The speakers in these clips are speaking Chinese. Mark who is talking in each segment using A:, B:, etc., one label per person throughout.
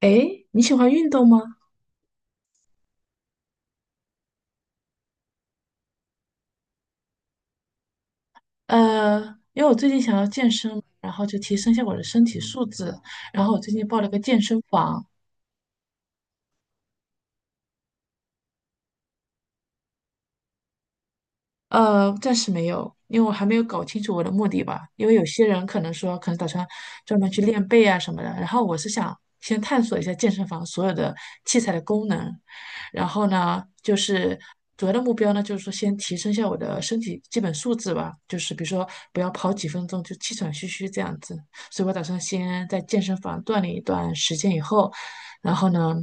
A: 诶，你喜欢运动吗？呃，因为我最近想要健身，然后就提升一下我的身体素质，然后我最近报了个健身房，暂时没有，因为我还没有搞清楚我的目的吧。因为有些人可能说，可能打算专门去练背啊什么的，然后我是想先探索一下健身房所有的器材的功能，然后呢，就是主要的目标呢，就是说先提升一下我的身体基本素质吧，就是比如说不要跑几分钟就气喘吁吁这样子。所以我打算先在健身房锻炼一段时间以后，然后呢，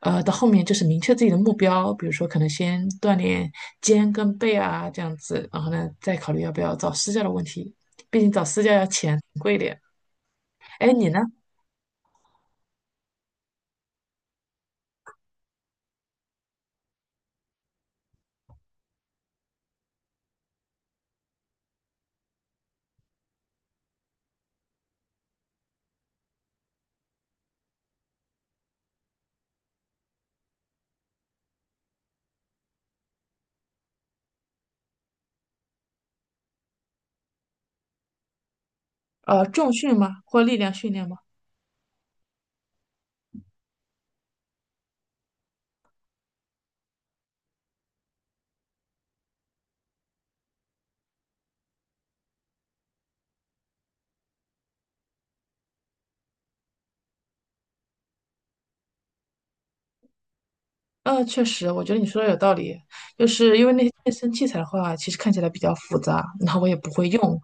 A: 到后面就是明确自己的目标，比如说可能先锻炼肩跟背啊这样子，然后呢再考虑要不要找私教的问题，毕竟找私教要钱贵一点。哎，你呢？重训吗？或力量训练吗？嗯，确实，我觉得你说的有道理，就是因为那些健身器材的话，其实看起来比较复杂，然后我也不会用。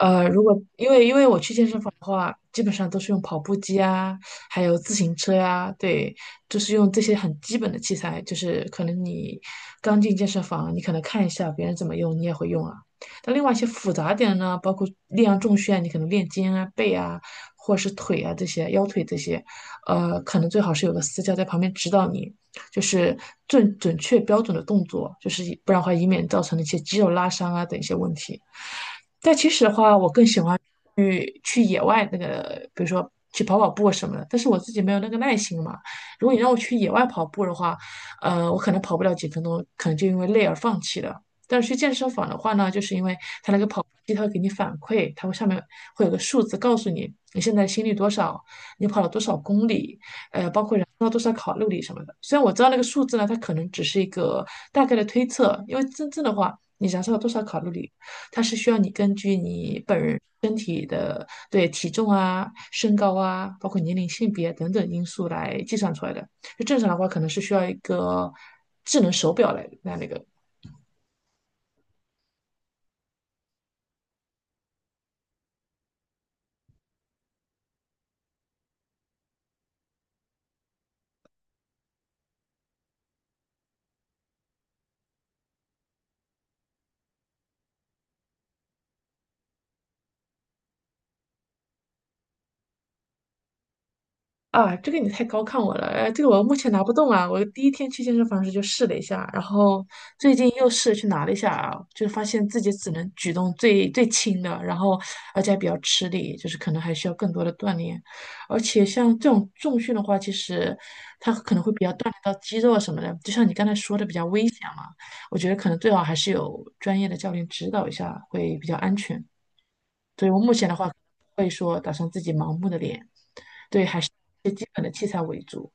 A: 如果因为我去健身房的话，基本上都是用跑步机啊，还有自行车呀、对，就是用这些很基本的器材。就是可能你刚进健身房，你可能看一下别人怎么用，你也会用啊。但另外一些复杂点呢，包括力量重训啊，你可能练肩啊、背啊，或者是腿啊这些、腰腿这些，可能最好是有个私教在旁边指导你。就是最准确标准的动作，就是不然的话，以免造成的一些肌肉拉伤啊等一些问题。但其实的话，我更喜欢去野外那个，比如说去跑跑步什么的。但是我自己没有那个耐心嘛。如果你让我去野外跑步的话，我可能跑不了几分钟，可能就因为累而放弃了。但是去健身房的话呢，就是因为它那个跑步机它会给你反馈，它会上面会有个数字告诉你你现在心率多少，你跑了多少公里，包括燃烧多少卡路里什么的。虽然我知道那个数字呢，它可能只是一个大概的推测，因为真正的话，你燃烧了多少卡路里，它是需要你根据你本人身体的对体重啊、身高啊，包括年龄、性别等等因素来计算出来的。就正常的话，可能是需要一个智能手表来那个。啊，这个你太高看我了，这个我目前拿不动啊。我第一天去健身房时就试了一下，然后最近又试着去拿了一下啊，就发现自己只能举动最最轻的，然后而且还比较吃力，就是可能还需要更多的锻炼。而且像这种重训的话，其实它可能会比较锻炼到肌肉啊什么的，就像你刚才说的比较危险嘛。我觉得可能最好还是有专业的教练指导一下会比较安全。所以我目前的话，会说打算自己盲目的练一些基本的器材为主。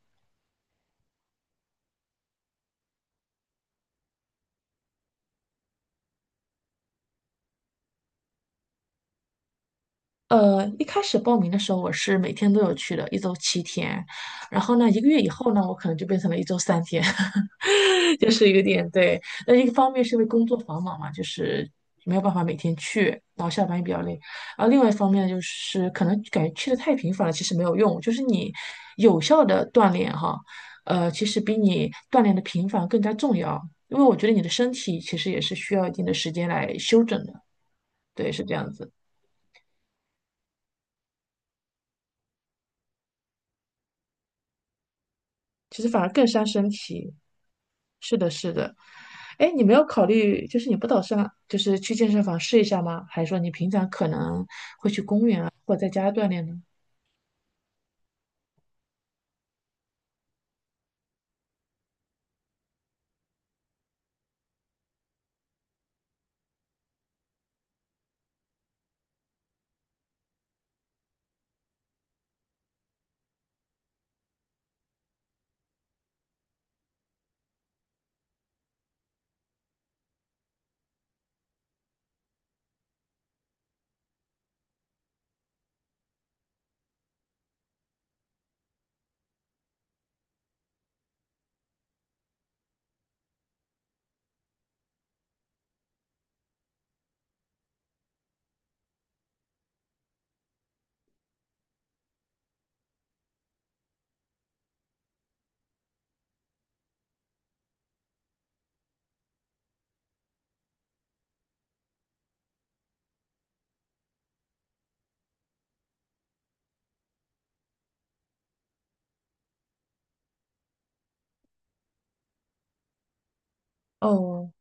A: 一开始报名的时候，我是每天都有去的，一周7天。然后呢，一个月以后呢，我可能就变成了一周3天，就是有点对。那一个方面是因为工作繁忙嘛，就是没有办法每天去，然后下班也比较累。然后另外一方面就是可能感觉去的太频繁了，其实没有用。就是你有效的锻炼哈，其实比你锻炼的频繁更加重要，因为我觉得你的身体其实也是需要一定的时间来休整的。对，是这样子。其实反而更伤身体。是的，是的。哎，你没有考虑，就是你不打算就是去健身房试一下吗？还是说你平常可能或在家锻炼呢？哦，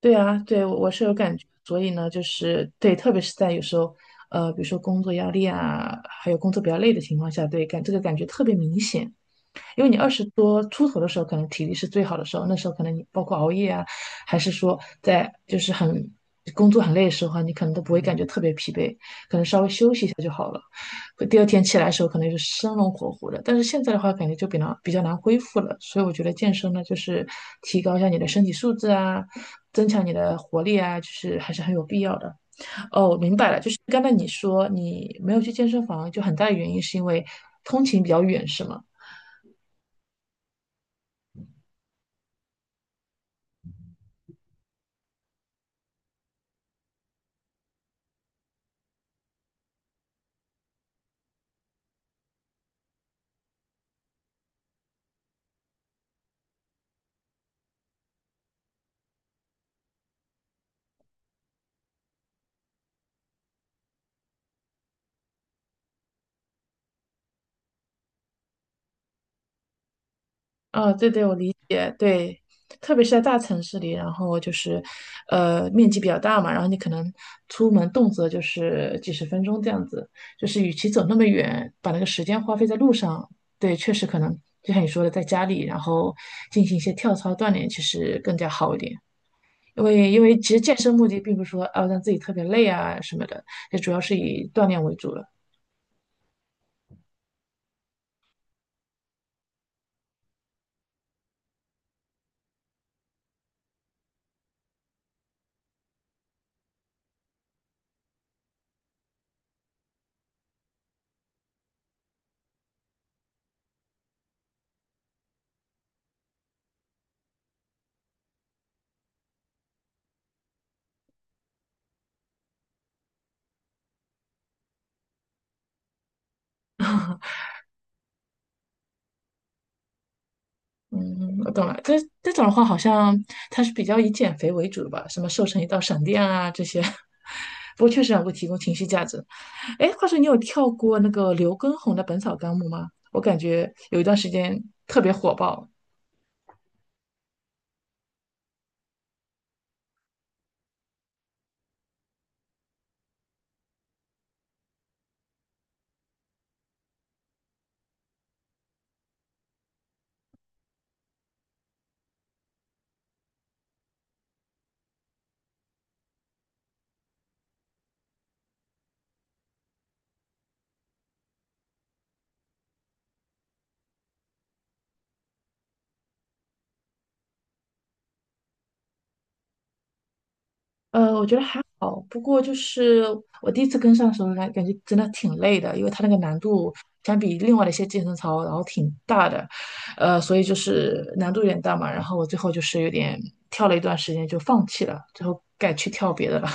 A: 对啊，对，我是有感觉，所以呢，就是对，特别是在有时候，比如说工作压力啊，还有工作比较累的情况下，对，这个感觉特别明显。因为你20多出头的时候，可能体力是最好的时候，那时候可能你包括熬夜啊，还是说在就是很工作很累的时候啊你可能都不会感觉特别疲惫，可能稍微休息一下就好了。第二天起来的时候，可能就是生龙活虎的。但是现在的话，感觉就比较难恢复了。所以我觉得健身呢，就是提高一下你的身体素质啊，增强你的活力啊，就是还是很有必要的。哦，明白了，就是刚才你说你没有去健身房，就很大的原因是因为通勤比较远，是吗？啊，对对，我理解，对，特别是在大城市里，然后就是，面积比较大嘛，然后你可能出门动辄就是几十分钟这样子，就是与其走那么远，把那个时间花费在路上，对，确实可能就像你说的，在家里然后进行一些跳操锻炼，其实更加好一点，因为其实健身目的并不是说啊让自己特别累啊什么的，也主要是以锻炼为主了。嗯，我懂了。可是这种的话，好像它是比较以减肥为主的吧？什么瘦成一道闪电啊这些，不过确实能够提供情绪价值。哎，话说你有跳过那个刘畊宏的《本草纲目》吗？我感觉有一段时间特别火爆，我觉得还好，不过就是我第一次跟上的时候感觉真的挺累的，因为它那个难度相比另外的一些健身操，然后挺大的，所以就是难度有点大嘛。然后我最后就是有点跳了一段时间就放弃了，最后改去跳别的了。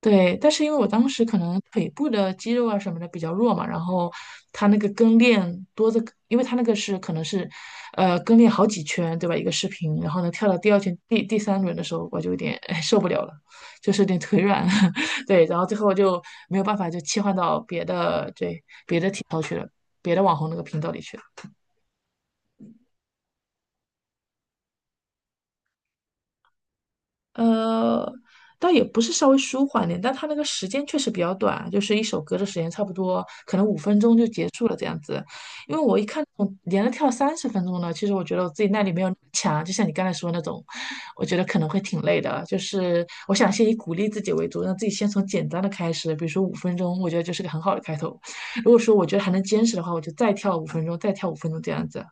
A: 对，但是因为我当时可能腿部的肌肉啊什么的比较弱嘛，然后它那个跟练多的，因为它那个是可能是，跟练好几圈，对吧？一个视频，然后呢跳到第二圈、第三轮的时候，我就有点哎受不了了，就是有点腿软，对，然后最后就没有办法就切换到别的对别的网红那个频道里去了。呃，倒也不是稍微舒缓点，但它那个时间确实比较短，就是一首歌的时间差不多，可能五分钟就结束了这样子。因为我一看，我连着跳30分钟呢，其实我觉得我自己耐力没有那么强，就像你刚才说的那种，我觉得可能会挺累的。就是我想先以鼓励自己为主，让自己先从简单的开始，比如说五分钟，我觉得就是个很好的开头。如果说我觉得还能坚持的话，我就再跳五分钟，再跳五分钟这样子。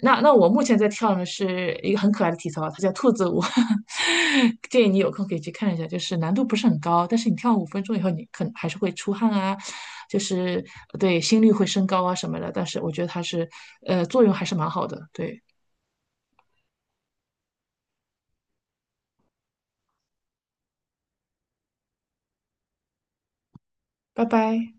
A: 那我目前在跳的是一个很可爱的体操，它叫兔子舞，建议你有空可以去看一下，就是难度不是很高，但是你跳五分钟以后，你可能还是会出汗啊，就是对心率会升高啊什么的，但是我觉得它是作用还是蛮好的，对，拜拜。